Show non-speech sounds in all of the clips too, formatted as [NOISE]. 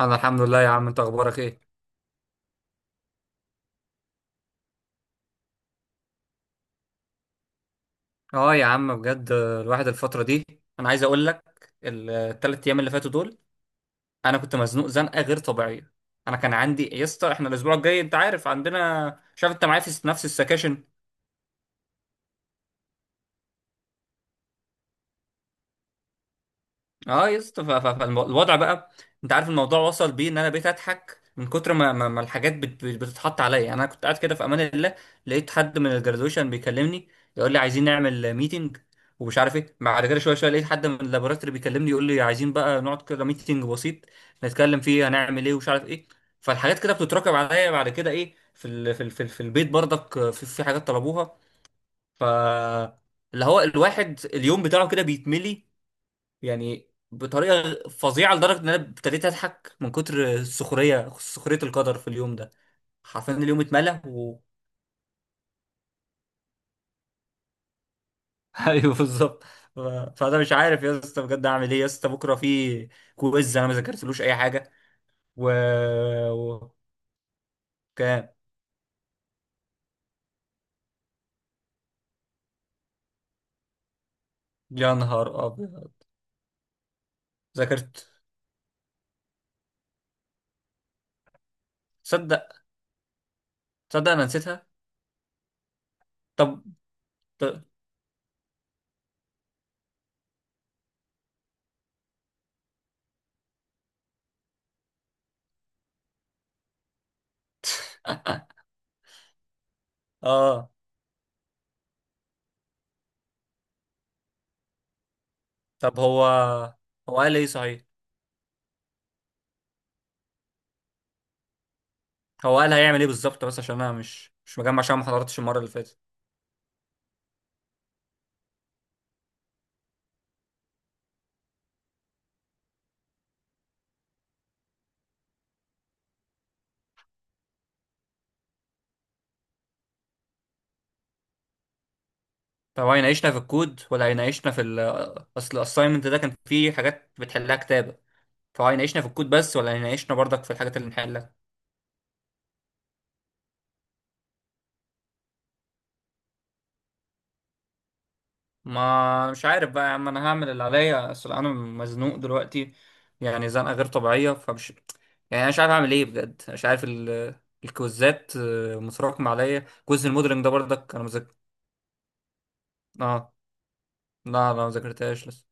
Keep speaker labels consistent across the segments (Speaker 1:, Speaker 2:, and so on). Speaker 1: انا الحمد لله يا عم. انت اخبارك ايه؟ اه يا عم بجد الواحد الفتره دي انا عايز اقول لك، الثلاث ايام اللي فاتوا دول انا كنت مزنوق زنقه غير طبيعيه. انا كان عندي يا اسطى، احنا الاسبوع الجاي انت عارف عندنا، شايف انت معايا في نفس السكاشن. اه يا اسطى، فالوضع بقى انت عارف الموضوع وصل بيه ان انا بقيت اضحك من كتر ما الحاجات بتتحط عليا. يعني انا كنت قاعد كده في امان الله، لقيت حد من الجرادويشن بيكلمني يقول لي عايزين نعمل ميتنج ومش عارف ايه، بعد كده شويه شويه لقيت حد من اللابوراتوري بيكلمني يقول لي عايزين بقى نقعد كده ميتنج بسيط نتكلم فيه هنعمل ايه ومش عارف ايه. فالحاجات كده بتتراكم عليا، بعد كده ايه، في البيت برضك في حاجات طلبوها. ف اللي هو الواحد اليوم بتاعه كده بيتملي يعني بطريقه فظيعه، لدرجه ان انا ابتديت اضحك من كتر السخريه، سخريه القدر في اليوم ده. حرفيا اليوم اتملى و [LAUGHS] ايوه بالظبط. ف- فانا مش عارف يا اسطى بجد اعمل ايه. يا اسطى بكره في كويز انا ما ذاكرتلوش اي حاجه و, و... كام؟ يا نهار ابيض. ذاكرت. تصدق، تصدق انا نسيتها. طب ط- اه طب هو، هو قال ايه صحيح؟ هو قال هيعمل ايه بالظبط؟ بس عشان انا مش مجمع عشان ما حضرتش المره اللي فاتت. طب هو هيناقشنا في الكود ولا هيناقشنا في ال، اصل الاساينمنت ده كان فيه حاجات بتحلها كتابة، فهو هيناقشنا في الكود بس ولا هيناقشنا برضك في الحاجات اللي نحلها؟ ما مش عارف بقى يا عم، انا هعمل اللي عليا اصل انا مزنوق دلوقتي، يعني زنقة غير طبيعية. فمش، يعني انا مش عارف اعمل ايه بجد، مش عارف ال... الكوزات آه، متراكمة عليا. كوز الموديلنج ده برضك انا مذاكر. اه لا لا ما ذاكرتهاش لسه.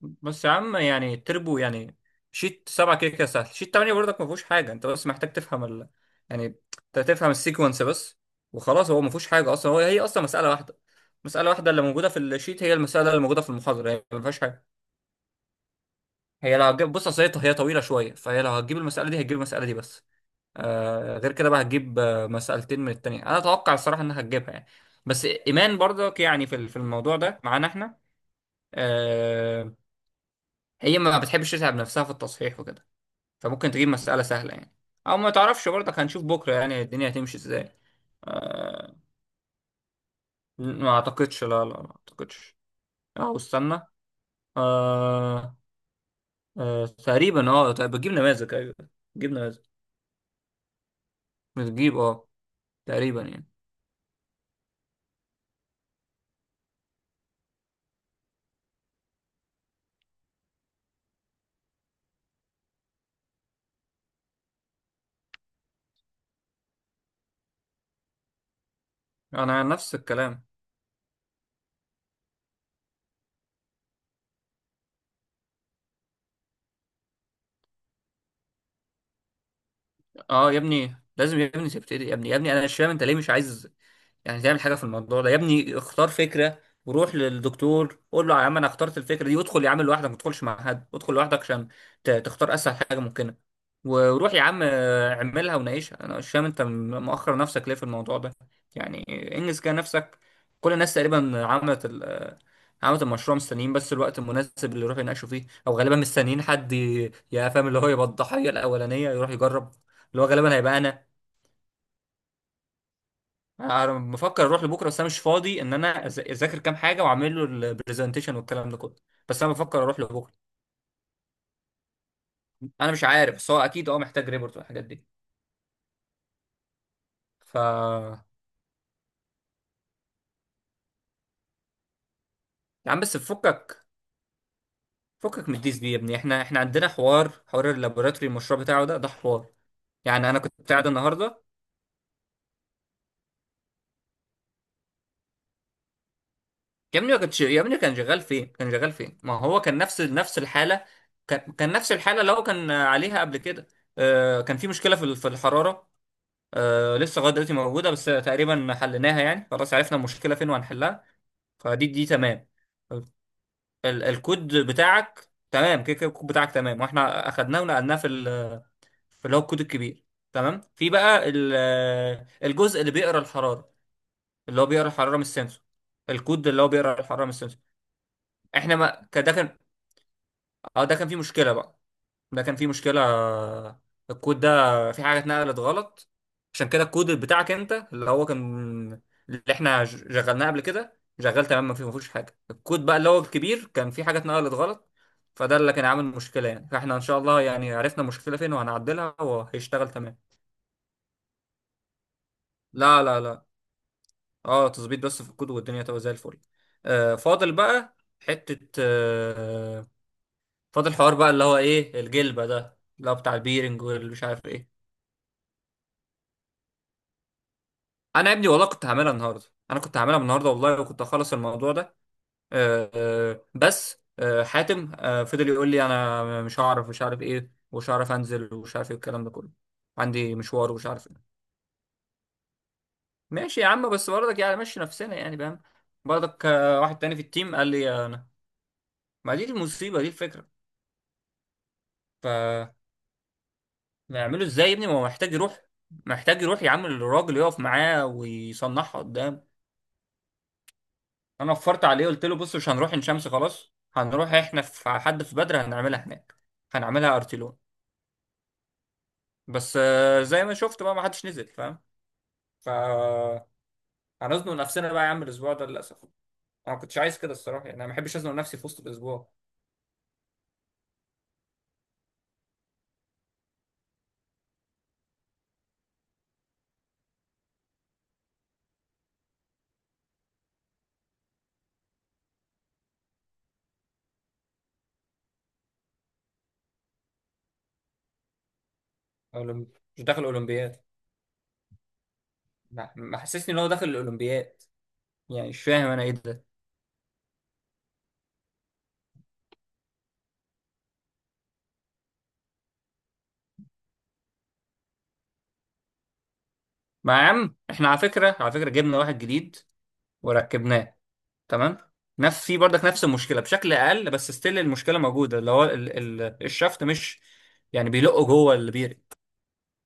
Speaker 1: بس يا عم يعني التربو، يعني شيت سبعة كده كده سهل، شيت تمانية برضك ما فيهوش حاجة، انت بس محتاج تفهم ال... يعني انت تفهم السيكونس بس وخلاص، هو ما فيهوش حاجة اصلا. هو هي اصلا مسألة واحدة، مسألة واحدة اللي موجودة في الشيت هي المسألة اللي موجودة في المحاضرة، هي ما فيهاش حاجة. هي لو هتجيب، بص اصل هي طويلة شوية، فهي لو هتجيب المسألة دي هتجيب المسألة دي بس. آه، غير كده بقى هتجيب آه، مسألتين من التانية. انا اتوقع الصراحة انها هتجيبها يعني. بس ايمان برضك يعني في الموضوع ده معانا احنا. آه. هي ما بتحبش تتعب نفسها في التصحيح وكده، فممكن تجيب مسألة سهلة يعني. أو ما تعرفش برضك، هنشوف بكرة يعني الدنيا هتمشي إزاي. آه. ما أعتقدش، لا لا ما أعتقدش. أو استنى، آه آه، تقريبا أه. طيب بتجيب نماذج، أيوه بتجيب نماذج. بتجيب أه، تقريبا يعني. أنا نفس الكلام. أه يا ابني لازم يا ابني تبتدي يا ابني، يا ابني أنا مش فاهم أنت ليه مش عايز يعني تعمل حاجة في الموضوع ده. يا ابني اختار فكرة وروح للدكتور قول له يا عم انا اخترت الفكرة دي، وادخل يا عم لوحدك ما تدخلش مع حد، ادخل لوحدك عشان تختار اسهل حاجة ممكنة، وروح يا عم آه، اعملها وناقشها. انا مش فاهم انت مؤخر نفسك ليه في الموضوع ده. يعني انجز كده نفسك. كل الناس تقريبا عملت ال آه، عملت المشروع، مستنيين بس الوقت المناسب اللي يروح يناقشوا فيه، او غالبا مستنيين حد يا فاهم اللي هو يبقى الضحية الاولانية يروح يجرب. اللي هو غالبا هيبقى انا. انا بفكر اروح لبكره بس انا مش فاضي ان انا اذاكر كام حاجه واعمل له البرزنتيشن والكلام ده كله، بس انا بفكر اروح لبكره. انا مش عارف بس هو اكيد اه محتاج ريبورت والحاجات دي. يا عم بس فكك، فكك من الديس دي يا ابني. احنا عندنا حوار، حوار اللابوراتوري المشروع بتاعه ده ده حوار. يعني انا كنت قاعد النهارده. يا ابني ما كنتش، يا ابني كان شغال فين؟ كان شغال فين؟ ما هو كان نفس الحاله، كان كان نفس الحاله اللي هو كان عليها قبل كده. آه، كان في مشكله في الحراره. آه لسه لغايه دلوقتي موجوده بس تقريبا حليناها، يعني خلاص عرفنا المشكله فين وهنحلها. فدي دي تمام. ال الكود بتاعك تمام، كده كده الكود بتاعك تمام، واحنا اخدناه ونقلناه في اللي هو الكود الكبير، تمام. في بقى ال-، الجزء اللي بيقرا الحراره، اللي هو بيقرا الحراره من السنسور، الكود اللي هو بيقرا الحراره من السنسور. احنا ما كان- ده كان، اه ده كان فيه مشكله بقى، ده كان فيه مشكلة. الكود ده في حاجة اتنقلت غلط، عشان كده الكود بتاعك انت اللي هو كان، اللي احنا شغلناه قبل كده شغال تمام، ما فيهوش حاجة. الكود بقى اللي هو الكبير كان فيه حاجة اتنقلت غلط، فده اللي كان عامل مشكلة يعني. فاحنا ان شاء الله يعني عرفنا المشكلة فين وهنعدلها وهيشتغل تمام. لا لا لا، اه تظبيط بس في الكود والدنيا تبقى زي الفل. آه فاضل بقى حتة آه، فاضل حوار بقى اللي هو ايه الجلبة ده اللي هو بتاع البيرنج والمش عارف ايه. انا يا ابني والله كنت هعملها النهارده، انا كنت هعملها النهارده والله وكنت هخلص الموضوع ده. آه، آه، بس آه، حاتم آه، فضل يقول لي انا مش هعرف، مش عارف ايه، ومش هعرف انزل، ومش عارف ايه الكلام ده كله. عندي مشوار ومش عارف ايه. ماشي يا عم بس برضك يعني مشي نفسنا يعني فاهم. برضك آه، واحد تاني في التيم قال لي انا، ما دي المصيبه دي الفكره. ف نعمله ازاي يا ابني؟ ما هو محتاج يروح، محتاج يروح يعمل، الراجل يقف معاه ويصنعها قدامه. انا وفرت عليه قلت له بص مش هنروح عين شمس، خلاص هنروح احنا في حد في بدر هنعملها هناك، هنعملها ارتيلون. بس آه، زي ما شفت بقى ما حدش نزل فاهم. ف هنزنق نفسنا بقى يا عم الاسبوع ده للاسف. انا ما كنتش عايز كده الصراحه، يعني انا ما بحبش ازنق نفسي في وسط الاسبوع. أو لم- مش داخل اولمبياد، ما ما حسسني ان هو داخل الاولمبياد، يعني مش فاهم انا ايه ده. ما يا عم احنا على فكره، على فكره جبنا واحد جديد وركبناه. تمام. نفس، في برضك نفس المشكله بشكل اقل بس ستيل المشكله موجوده، اللي هو ال الشفط مش، يعني بيلقوا جوه البير،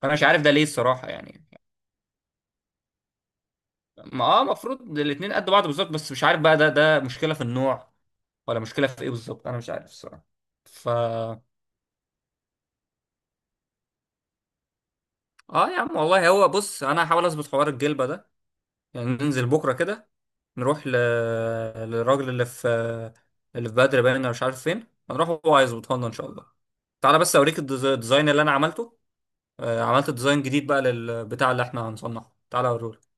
Speaker 1: فانا مش عارف ده ليه الصراحه يعني. ما اه المفروض الاتنين قد بعض بالظبط، بس مش عارف بقى ده، ده مشكله في النوع ولا مشكله في ايه بالظبط، انا مش عارف الصراحه. ف اه يا عم والله، هو بص انا هحاول اظبط حوار الجلبه ده، يعني ننزل بكره كده نروح ل... للراجل اللي في، اللي في بدر، باين أنا مش عارف فين هنروح، هو هيظبطها لنا ان شاء الله. تعالى بس اوريك الديزاين اللي انا عملته، آه، عملت ديزاين جديد بقى للبتاع اللي احنا هنصنعه، تعالى اوريهولك.